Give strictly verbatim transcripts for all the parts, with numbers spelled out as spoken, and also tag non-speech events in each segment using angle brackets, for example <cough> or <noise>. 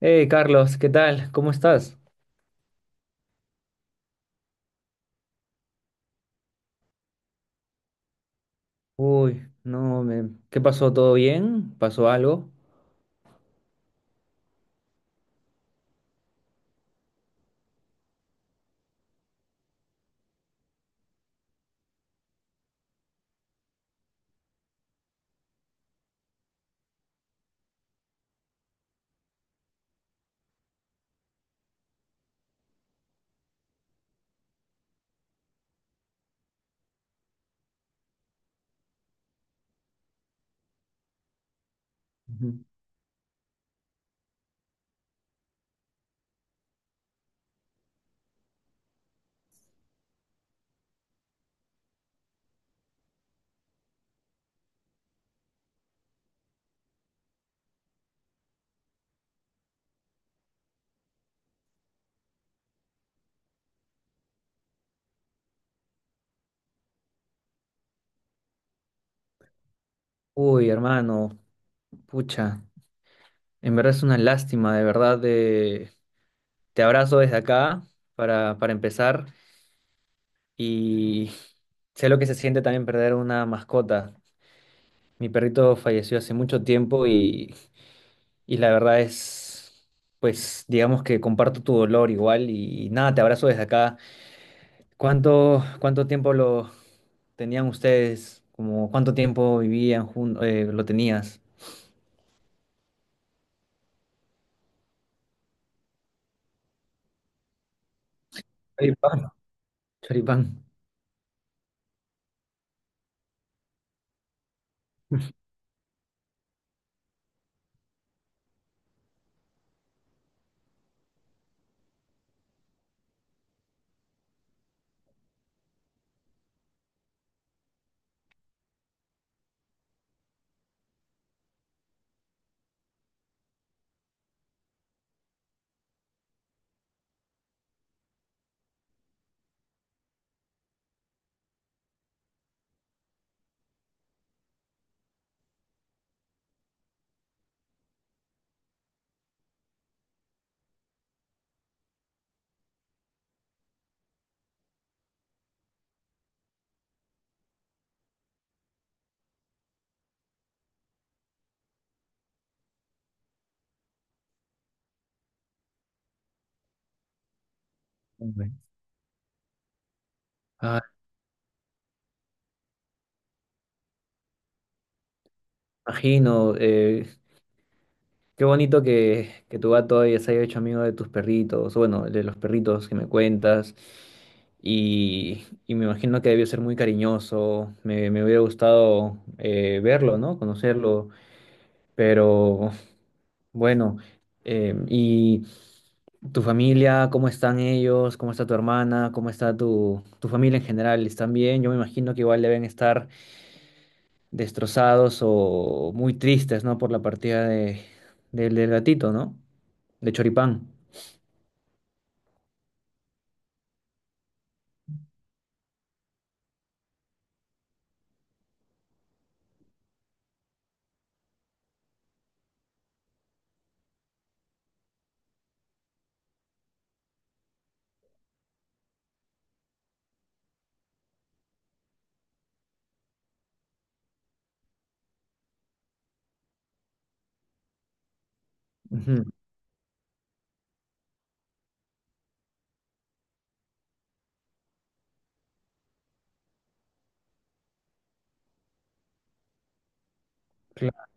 Hey Carlos, ¿qué tal? ¿Cómo estás? Uy, no, me... ¿qué pasó? ¿Todo bien? ¿Pasó algo? Ujú. Uy, hermano, pucha, en verdad es una lástima, de verdad. de- Te abrazo desde acá para, para empezar y sé lo que se siente también perder una mascota. Mi perrito falleció hace mucho tiempo y, y la verdad es, pues, digamos que comparto tu dolor igual y nada, te abrazo desde acá. ¿Cuánto, Cuánto tiempo lo tenían ustedes? Como, ¿cuánto tiempo vivían juntos? ¿Lo tenías? Choripán. Choripán. Hombre. Ah, imagino. Eh, qué bonito que, que tu gato haya- se haya hecho amigo de tus perritos, o bueno, de los perritos que me cuentas. Y, y me imagino que debió ser muy cariñoso. Me, me hubiera gustado eh, verlo, ¿no? Conocerlo. Pero bueno, em, ¿y tu familia? ¿Cómo están ellos? ¿Cómo está tu hermana? ¿Cómo está tu, tu familia en general? ¿Están bien? Yo me imagino que igual deben estar destrozados o muy tristes, ¿no? Por la partida de, del del gatito, ¿no? De Choripán. Ujú. Claro.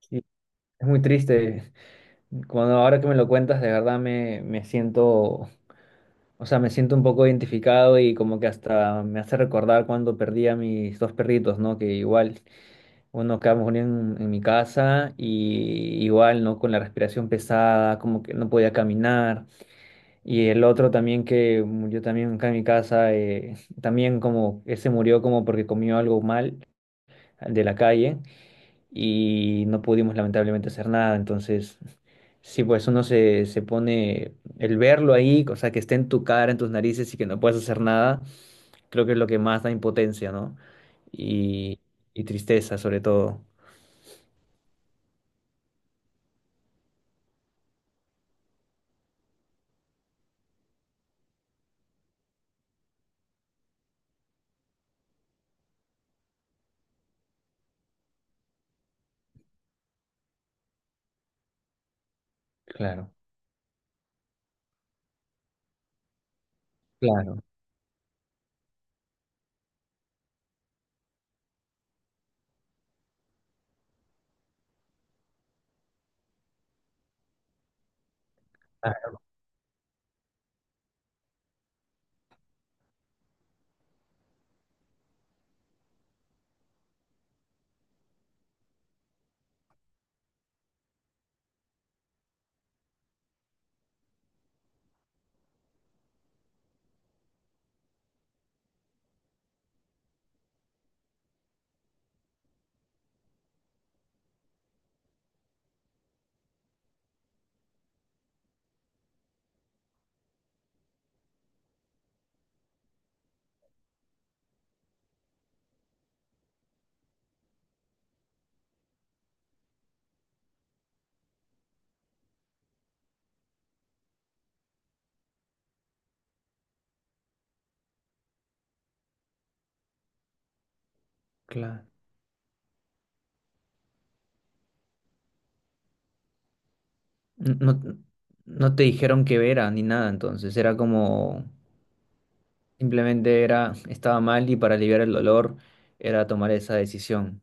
Sí, es muy triste. Cuando ahora que me lo cuentas, de verdad me, me siento, o sea, me siento un poco identificado y como que hasta me hace recordar cuando perdí a mis dos perritos, ¿no? Que igual uno quedamos muriendo en, en mi casa y igual, ¿no? Con la respiración pesada, como que no podía caminar. Y el otro también que murió también acá en mi casa, eh, también como, él se murió como porque comió algo mal de la calle y no pudimos lamentablemente hacer nada. Entonces, sí, pues uno se, se pone, el verlo ahí, o sea, que esté en tu cara, en tus narices y que no puedas hacer nada, creo que es lo que más da impotencia, ¿no? Y, y tristeza sobre todo. Claro. Claro, claro, claro. N- No, no te dijeron que era ni nada, entonces era como simplemente era, estaba mal y para aliviar el dolor era tomar esa decisión.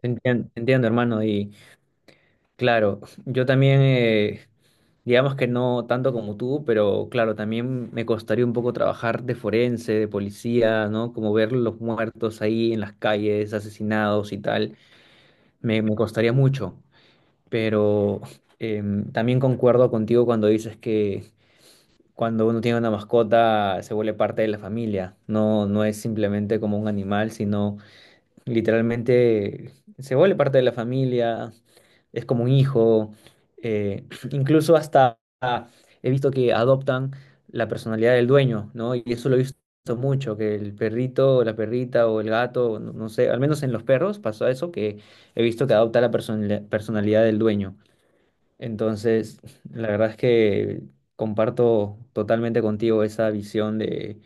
Te entien- te entiendo, hermano, y claro, yo también, eh, digamos que no tanto como tú, pero claro, también me costaría un poco trabajar de forense, de policía, ¿no? Como ver los muertos ahí en las calles, asesinados y tal, me, me costaría mucho. Pero em, también concuerdo contigo cuando dices que cuando uno tiene una mascota se vuelve parte de la familia, no, no es simplemente como un animal, sino literalmente se vuelve parte de la familia, es como un hijo, eh, <clears throat> incluso hasta he visto que adoptan la personalidad del dueño, ¿no? Y eso lo he visto mucho, que el perrito o la perrita o el gato, no, no sé, al menos en los perros pasó eso, que he visto que adopta la personali- personalidad del dueño. Entonces, la verdad es que comparto totalmente contigo esa visión de,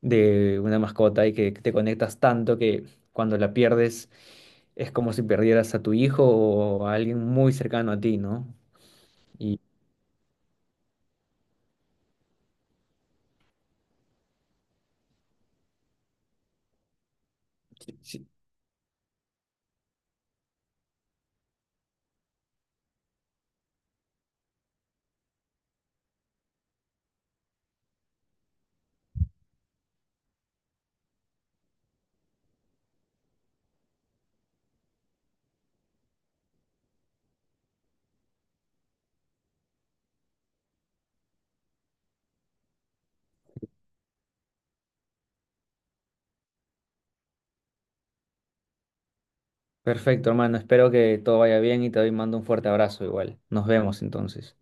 de una mascota y que te conectas tanto que cuando la pierdes es como si perdieras a tu hijo o a alguien muy cercano a ti, ¿no? Y sí, perfecto, hermano, espero que todo vaya bien y te doy- mando un fuerte abrazo igual. Nos vemos entonces.